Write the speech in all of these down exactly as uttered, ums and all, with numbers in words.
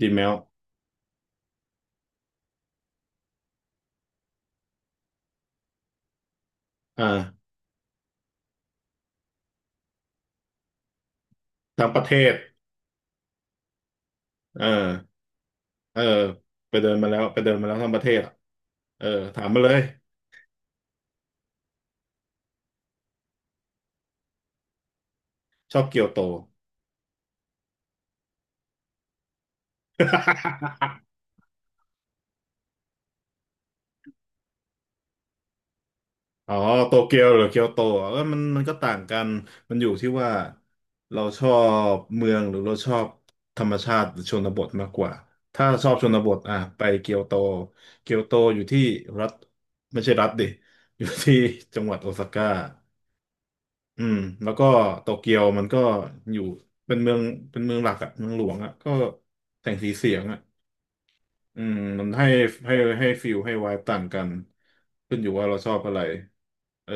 ดีแมวอ่าทั้งประเทศเออเออไปเดินมาแล้วไปเดินมาแล้วทั้งประเทศอ่ะเออถามมาเลยชอบเกียวโต อ๋อโตเกียวหรือเกียวโตอ่ะเออมันมันก็ต่างกันมันอยู่ที่ว่าเราชอบเมืองหรือเราชอบธรรมชาติหรือชนบทมากกว่าถ้าชอบชนบทอ่ะไปเกียวโต เกียวโตอยู่ที่รัฐไม่ใช่รัฐดิอยู่ที่จังหวัดโอซาก้า อืมแล้วก็โตเกียวมันก็อยู่เป็นเมืองเป็นเมืองหลักอะเมืองหลวงอะก็แสงสีเสียงอะอืมมันให้ให้ให้ฟิลให้ไวายต่างกันขึ้นอยู่ว่าเราชอบอะไรเออ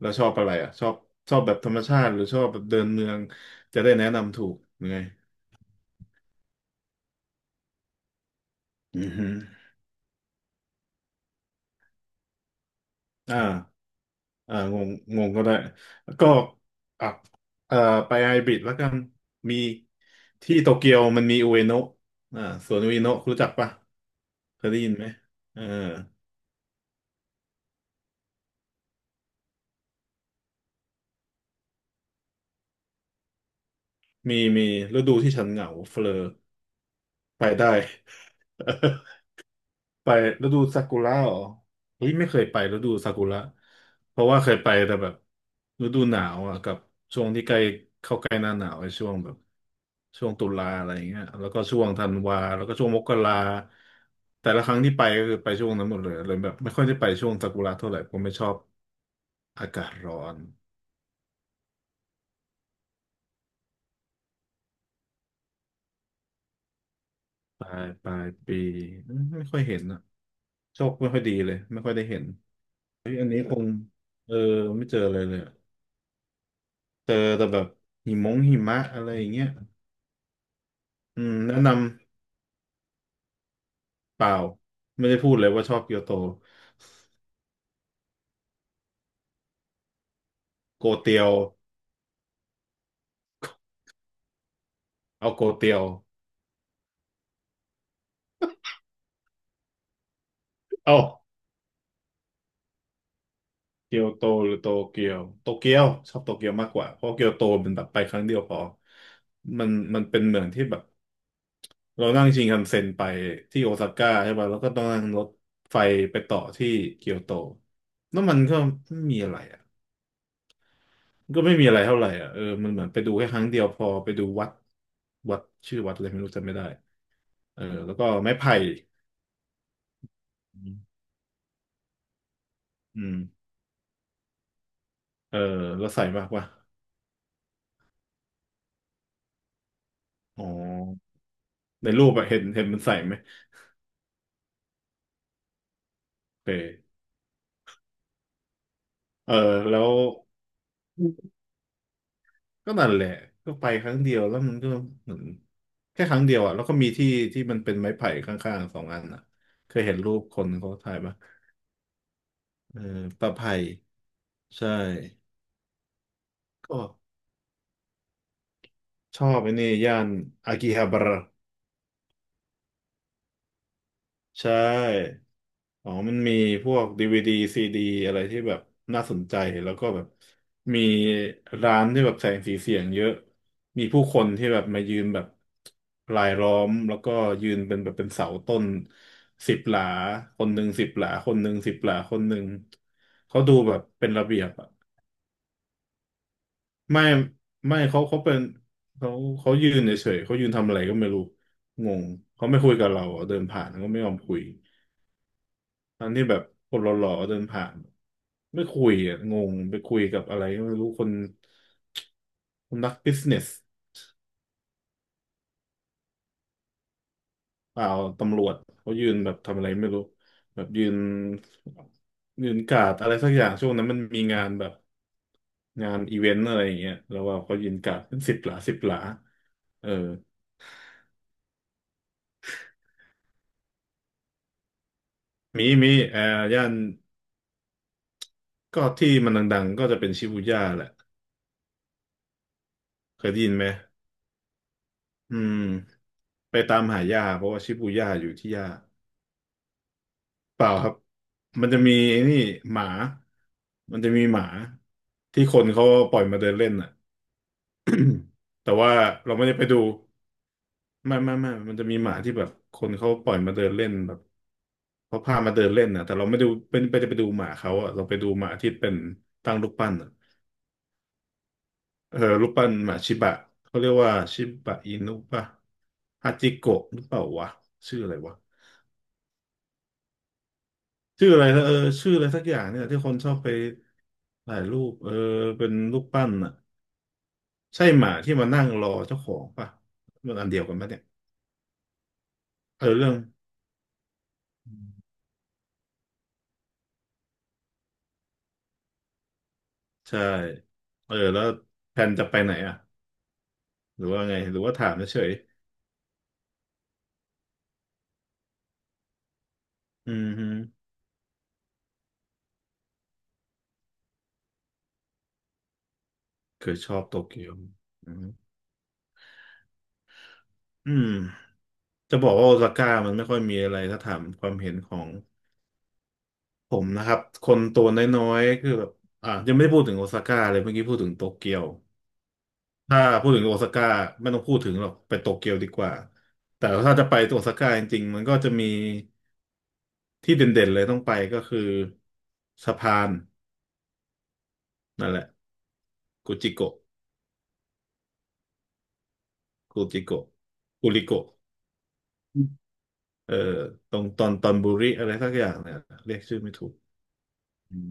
แล้วชอบอะไรอะชอบชอบแบบธรรมชาติหรือชอบแบบเดินเมืองจะได้แนะนำถูกยังไงอือฮึอ่าอ่างงงงก็ได้แล้วก็อ่ะเอ่อไปไฮบริดแล้วกันมีที่โตเกียวมันมีอุเอโนะอ่าสวนอุเอโนะรู้จักปะ เคยได้ยินไหมเออมีมีฤดูที่ฉันเหงาเฟลอไปได้ ไปฤดูซากุระเหรอเฮ้ยไม่เคยไปฤดูซากุระเพราะว่าเคยไปแต่แบบฤดูหนาวอ่ะกับช่วงที่ใกล้เข้าใกล้หน้าหนาวไอ้ช่วงแบบช่วงตุลาอะไรอย่างเงี้ยแล้วก็ช่วงธันวาแล้วก็ช่วงมกราแต่ละครั้งที่ไปก็คือไปช่วงนั้นหมดเลยเลยแบบไม่ค่อยได้ไปช่วงซากุระเท่าไหร่ผมไม่ชอบอากาศร้อนปลายปลายปีไม่ค่อยเห็น โชคไม่ค่อยดีเลยไม่ค่อยได้เห็นเฮ้ยอันนี้คงเออไม่เจอเลยเลยอะเจอแต่แบบหิมงหิมะอะไรอย่างเงี้ยอืมแนะนำเปล่าไม่ได้พูดเลยว่าชอบเกียวโตโกเตียวเอาโกเตียวเอาเกียวโตหรือโตเกียวโตเกียวชอบโตเกียวมากกว่าเพราะเกียวโตเป็นแบบไปครั้งเดียวพอมันมันเป็นเมืองที่แบบเรานั่งชินคันเซ็นไปที่โอซาก้าใช่ป่ะแล้วก็ต้องนั่งรถไฟไปต่อที่เกียวโตแล้วมันก็ไม่มีอะไรอ่ะ ก็ไม่มีอะไรเท่าไหร่อ่ะเออมันเหมือนไปดูแค่ครั้งเดียวพอไปดูวัดวัดชื่อวัดอะไรไม่รู้จำไม่ได้เออแล้วก็ไม้ไผ่อืมอืมเออแล้วใส่มากว่ะอ๋อในรูปอะเห็นเห็นมันใส่ไหมโอเคเออแล้วก็นั่นแหละก็ไปครั้งเดียวแล้วมันก็เหมือนแค่ครั้งเดียวอ่ะแล้วก็มีที่ที่มันเป็นไม้ไผ่ข้างๆสองอันอ่ะเคยเห็นรูปคนเขาถ่ายปะเออตะไผ่ใช่ก็ชอบไอ้นี่ย่านอากิฮาบาระ ใช่อ๋อมันมีพวกดีวีดีซีดีอะไรที่แบบน่าสนใจ แล้วก็แบบมีร้านที่แบบแสงสีเสียงเยอะ มีผู้คนที่แบบมายืนแบบรายล้อมแล้วก็ยืนเป็นแบบเป็นเสาต้นสิบหลาคนหนึ่งสิบหลาคนหนึ่งสิบหลาคนหนึ่งเขาดูแบบเป็นระเบียบอะไม่ไม่เขาเขาเป็นเขาเขายืนเฉยๆเขายืนทำอะไรก็ไม่รู้งงเขาไม่คุยกับเราอะเดินผ่านก็ไม่ยอมคุย ตอนที่แบบคนหล่อๆเดินผ่านไม่คุยอ่ะงงไปคุยกับอะไรก็ไม่รู้คนคนนักบิสเนสเปล่าตำรวจเขายืนแบบทำอะไรไม่รู้แบบยืนยืนการ์ดอะไรสักอย่างช่วงนั้นมันมีงานแบบงานอีเวนต์อะไรอย่างเงี้ยแล้วว่าเขายืนการ์ดเป็นสิบหลาสิบหลาเออมีมีเอ่อย่านก็ที่มันดังๆก็จะเป็นชิบูย่าแหละเคยได้ยินไหมอืมไปตามหาย่าเพราะว่าชิบูย่าอยู่ที่ย่า เปล่าครับมันจะมีไอ้นี่หมามันจะมีหมาที่คนเขาปล่อยมาเดินเล่นอ่ะ แต่ว่าเราไม่ได้ไปดูไม่ไม่ไม่มันจะมีหมาที่แบบคนเขาปล่อยมาเดินเล่นแบบเขาพามาเดินเล่นนะแต่เราไม่ดูเป็นไปไปดูหมาเขาอ่ะเราไปดูหมาที่เป็นตั้งรูปปั้นอะเออรูปปั้นหมาชิบะเขาเรียกว่าชิบะอินุป่ะฮาจิโกะหรือเปล่าวะชื่ออะไรวะ ชื่ออะไรนะเออชื่ออะไรสักอย่างเนี่ยที่คนชอบไปถ่ายรูปเออเป็นรูปปั้นอ่ะใช่หมาที่มานั่งรอเจ้าของป่ะมันอันเดียวกันป่ะเนี่ยเออเรื่องใช่เออแล้วแผนจะไปไหนอ่ะหรือว่าไงหรือว่าถามเฉยๆอืมฮึเคยชอบโตเกียวอืมอืมจะบอกว่าโอซาก้ามันไม่ค่อยมีอะไรถ้าถามความเห็นของผมนะครับคนตัวน้อยๆคือแบบอ่ะยังไม่ได้พูดถึงโอซาก้าเลยเมื่อกี้พูดถึงโตเกียว ถ้าพูดถึงโอซาก้าไม่ต้องพูดถึงหรอกไปโตเกียวดีกว่าแต่ถ้าจะไปโอซาก้าจริงๆมันก็จะมีที่เด่นๆเลยต้องไปก็คือสะพานนั่นแหละกูจิโกะกูจิโกะกูริโกะอืมเออตรงตอนตอนบุริอะไรสักอย่างเนี่ยเรียกชื่อไม่ถูกอืม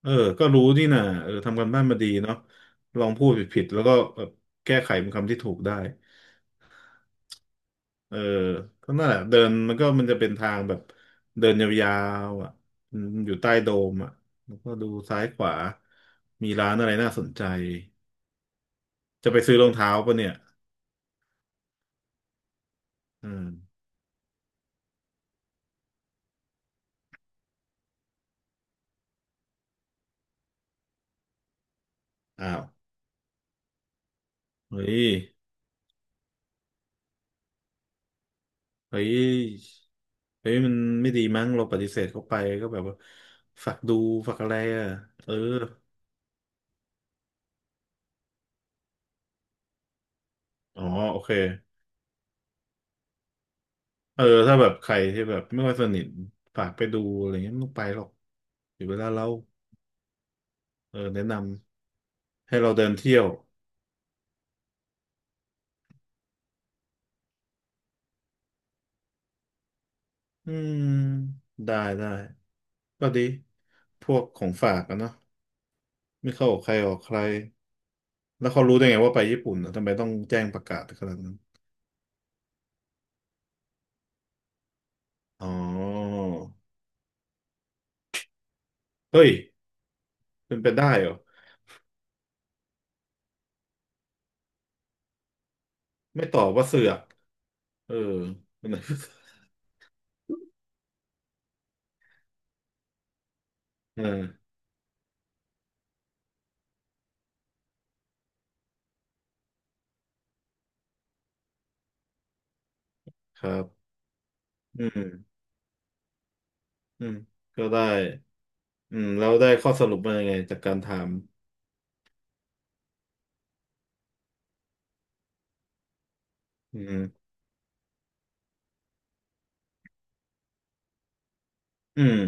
เออก็รู้นี่นะเออทำกันบ้านมาดีเนาะลองพูดผิดๆแล้วก็แบบแก้ไขเป็นคำที่ถูกได้ เออก็นั่นแหละเดินมันก็มันจะเป็นทางแบบเดินยาวๆอ่ะอืมอยู่ใต้โดมอ่ะแล้วก็ดูซ้ายขวามีร้านอะไรน่าสนใจจะไปซื้อรองเท้าปะเนี่ยอืมอ้าวเฮ้ยเฮ้ยเฮ้ยมันไม่ดีมั้งเราปฏิเสธเขาไปก็แบบว่าฝากดูฝากอะไรอ่ะเอออ๋อโอเคเออถ้าแบบใครที่แบบไม่ค่อยสนิทฝากไปดูอะไรเงี้ยไม่ต้องไปหรอกเดี๋ยวเวลาเราเออแนะนำให้เราเดินเที่ยว อืมได้ได้ก็ดีพวกของฝากอะเนาะไม่เข้าออกใครออกใครแล้วเขารู้ได้ไงว่าไปญี่ปุ่นอะทำไมต้องแจ้งประกาศขนาดนั้นอ๋อเฮ้ยเป็นไปได้เหรอไม่ตอบว่าเสือกเออ มัน เออครับอืมอืมก็ได้อืมแล้วได้ข้อสรุปมายังไงจากการถามอืมอืม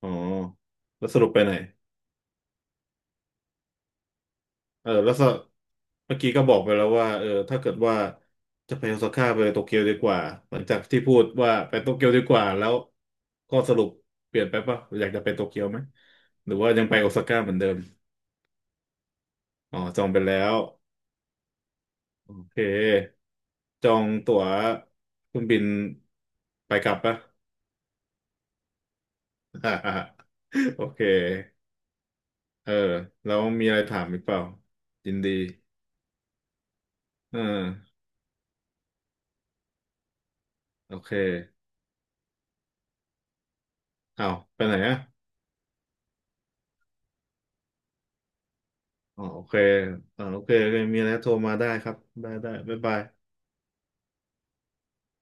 อ๋อแล้วสรุปไปไหน เออแล้วก็เมื่อกี้ก็บอกไปแล้วว่าเออถ้าเกิดว่าจะไปโอซาก้าไปโตเกียวดีกว่าหลังจากที่พูดว่าไปโตเกียวดีกว่าแล้วข้อสรุปเปลี่ยนไปปะอยากจะไปโตเกียวไหมหรือว่ายังไปโอซาก้าเหมือนเดิมอ๋อจองไปแล้วโอเคจองตั๋วเครื่องบินไปกลับปะ โอเคเออแล้วมีอะไรถามอีกเปล่ายินดีเออโอเคอ้าวไปไหนอะ อ๋อโอเคอ๋อโอเคโอเคมีอะไรโทรมาได้ครับได้ได้บ๊ายบาย